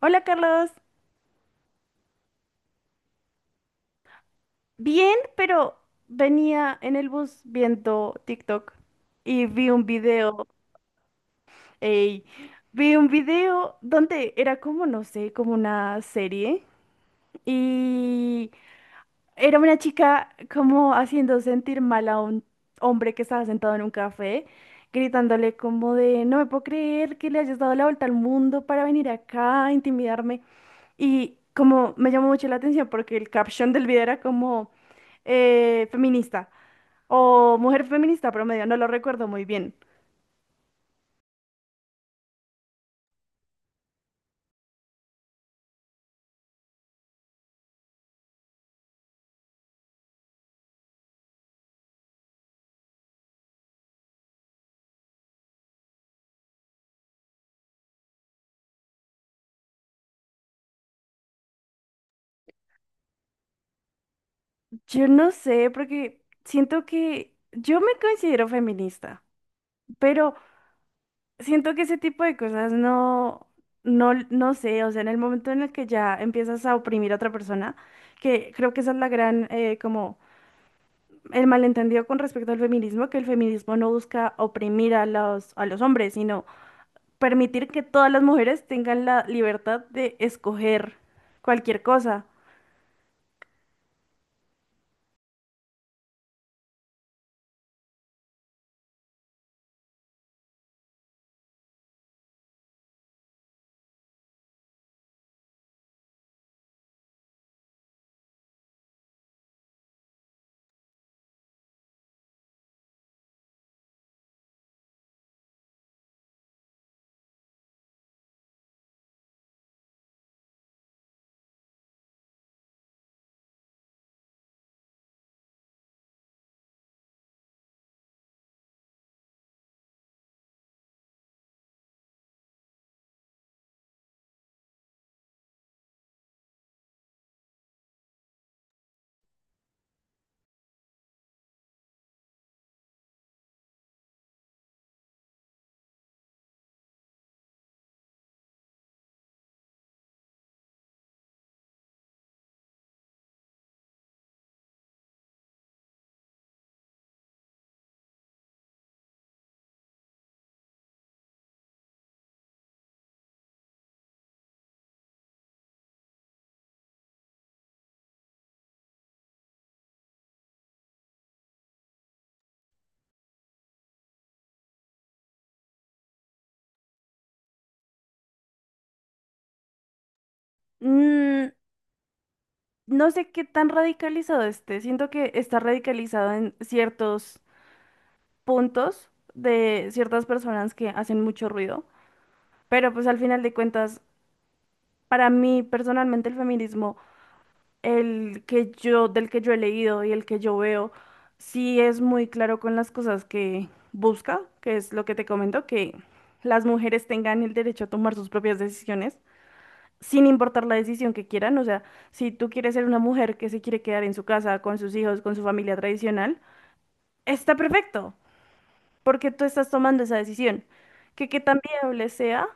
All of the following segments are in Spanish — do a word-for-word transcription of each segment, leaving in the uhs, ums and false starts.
Hola, Carlos. Bien, pero venía en el bus viendo TikTok y vi un video. Ey, vi un video donde era como, no sé, como una serie y era una chica como haciendo sentir mal a un hombre que estaba sentado en un café, gritándole como de, no me puedo creer que le hayas dado la vuelta al mundo para venir acá a intimidarme. Y como me llamó mucho la atención porque el caption del video era como eh, feminista o mujer feminista promedio, no lo recuerdo muy bien. Yo no sé, porque siento que yo me considero feminista, pero... siento que ese tipo de cosas no, no, no sé. O sea, en el momento en el que ya empiezas a oprimir a otra persona, que creo que esa es la gran, eh, como el malentendido con respecto al feminismo, que el feminismo no busca oprimir a los, a los hombres, sino permitir que todas las mujeres tengan la libertad de escoger cualquier cosa. Mm, no sé qué tan radicalizado esté, siento que está radicalizado en ciertos puntos de ciertas personas que hacen mucho ruido. Pero pues al final de cuentas, para mí personalmente el feminismo, el que yo, del que yo he leído y el que yo veo, sí es muy claro con las cosas que busca, que es lo que te comento, que las mujeres tengan el derecho a tomar sus propias decisiones, sin importar la decisión que quieran. O sea, si tú quieres ser una mujer que se quiere quedar en su casa, con sus hijos, con su familia tradicional, está perfecto, porque tú estás tomando esa decisión. Que, que tan viable sea.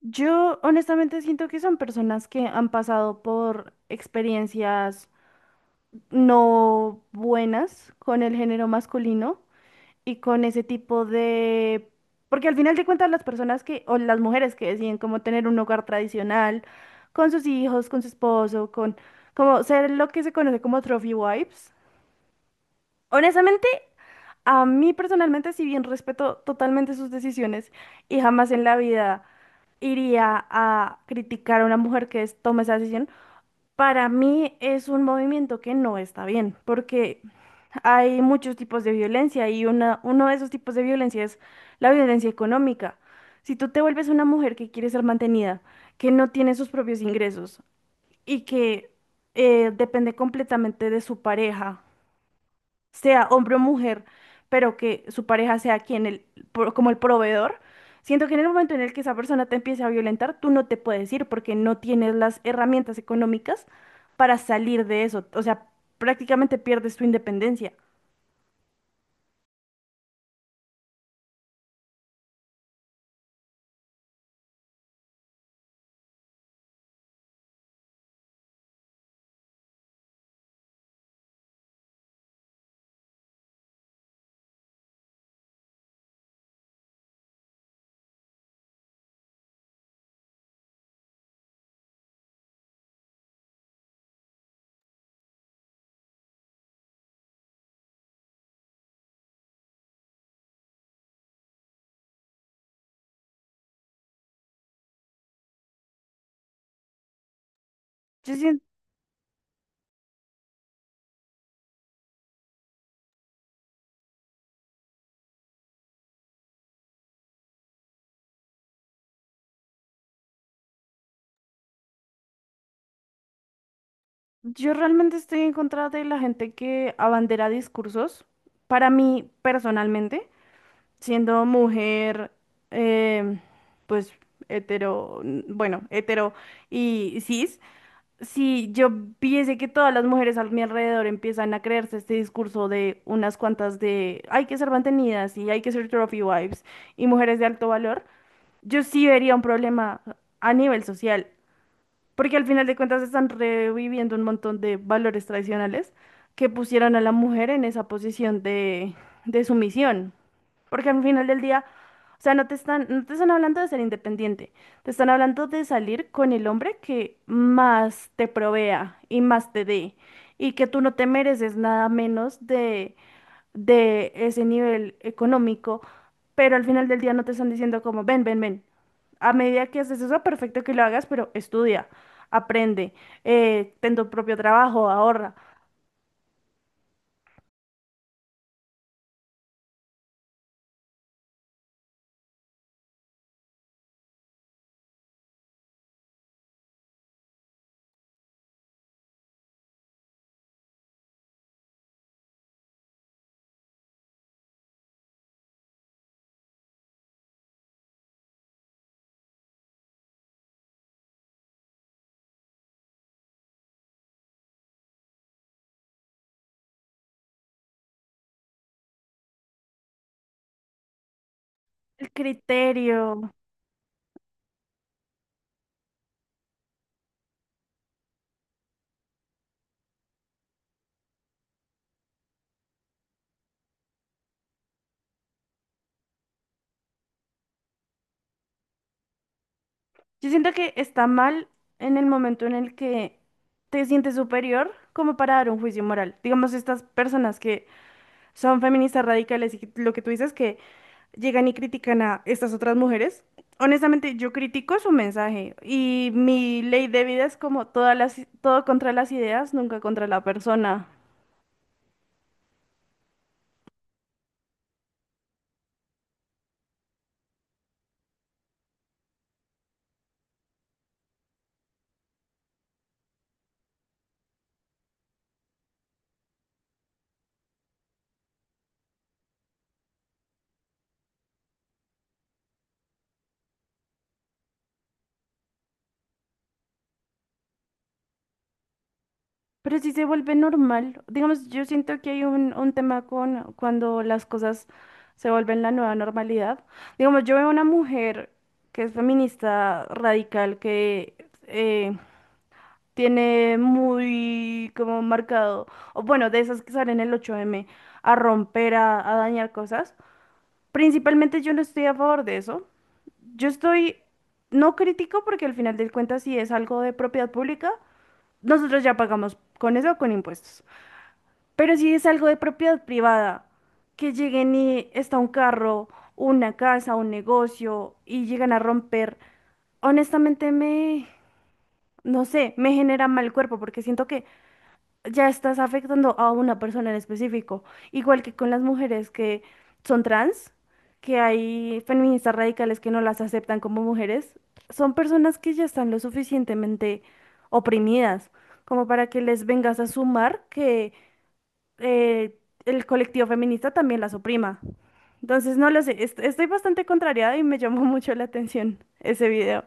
Yo honestamente siento que son personas que han pasado por experiencias no buenas con el género masculino y con ese tipo de... Porque al final de cuentas las personas que, o las mujeres que deciden como tener un hogar tradicional, con sus hijos, con su esposo, con como ser lo que se conoce como trophy wives. Honestamente, a mí personalmente, si bien respeto totalmente sus decisiones y jamás en la vida... iría a criticar a una mujer que es- tome esa decisión, para mí es un movimiento que no está bien, porque hay muchos tipos de violencia y una, uno de esos tipos de violencia es la violencia económica. Si tú te vuelves una mujer que quiere ser mantenida, que no tiene sus propios ingresos y que eh, depende completamente de su pareja, sea hombre o mujer, pero que su pareja sea quien el, pro- como el proveedor, siento que en el momento en el que esa persona te empiece a violentar, tú no te puedes ir porque no tienes las herramientas económicas para salir de eso. O sea, prácticamente pierdes tu independencia. Yo sien- yo realmente estoy en contra de la gente que abandera discursos. Para mí, personalmente, siendo mujer, em, pues hetero, n- bueno, hetero y cis, si yo viese que todas las mujeres a mi alrededor empiezan a creerse este discurso de unas cuantas de hay que ser mantenidas y hay que ser trophy wives y mujeres de alto valor, yo sí vería un problema a nivel social, porque al final de cuentas están reviviendo un montón de valores tradicionales que pusieron a la mujer en esa posición de, de sumisión. Porque al final del día, o sea, no te están, no te están hablando de ser independiente, te están hablando de salir con el hombre que más te provea y más te dé, y que tú no te mereces nada menos de, de ese nivel económico, pero al final del día no te están diciendo como, ven, ven, ven. A medida que haces eso, perfecto que lo hagas, pero estudia, aprende, eh, ten tu propio trabajo, ahorra. El criterio. Yo siento que está mal en el momento en el que te sientes superior como para dar un juicio moral. Digamos, estas personas que son feministas radicales y lo que tú dices que llegan y critican a estas otras mujeres. Honestamente, yo critico su mensaje y mi ley de vida es como todas las, todo contra las ideas, nunca contra la persona. Pero si se vuelve normal, digamos, yo siento que hay un, un tema con cuando las cosas se vuelven la nueva normalidad. Digamos, yo veo una mujer que es feminista radical, que eh, tiene muy como marcado, o bueno, de esas que salen el ocho eme a romper, a, a dañar cosas. Principalmente yo no estoy a favor de eso. Yo estoy, no critico porque al final del cuentas si es algo de propiedad pública, nosotros ya pagamos con eso o con impuestos. Pero si es algo de propiedad privada, que lleguen y está un carro, una casa, un negocio y llegan a romper, honestamente me, no sé, me genera mal cuerpo porque siento que ya estás afectando a una persona en específico. Igual que con las mujeres que son trans, que hay feministas radicales que no las aceptan como mujeres, son personas que ya están lo suficientemente oprimidas como para que les vengas a sumar que eh, el colectivo feminista también las oprima. Entonces, no lo sé, est- estoy bastante contrariada y me llamó mucho la atención ese video.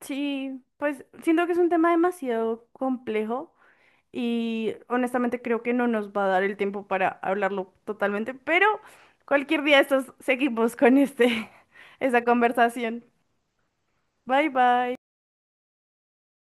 Sí, pues siento que es un tema demasiado complejo y honestamente creo que no nos va a dar el tiempo para hablarlo totalmente, pero cualquier día de estos seguimos con este, esa conversación. Bye bye.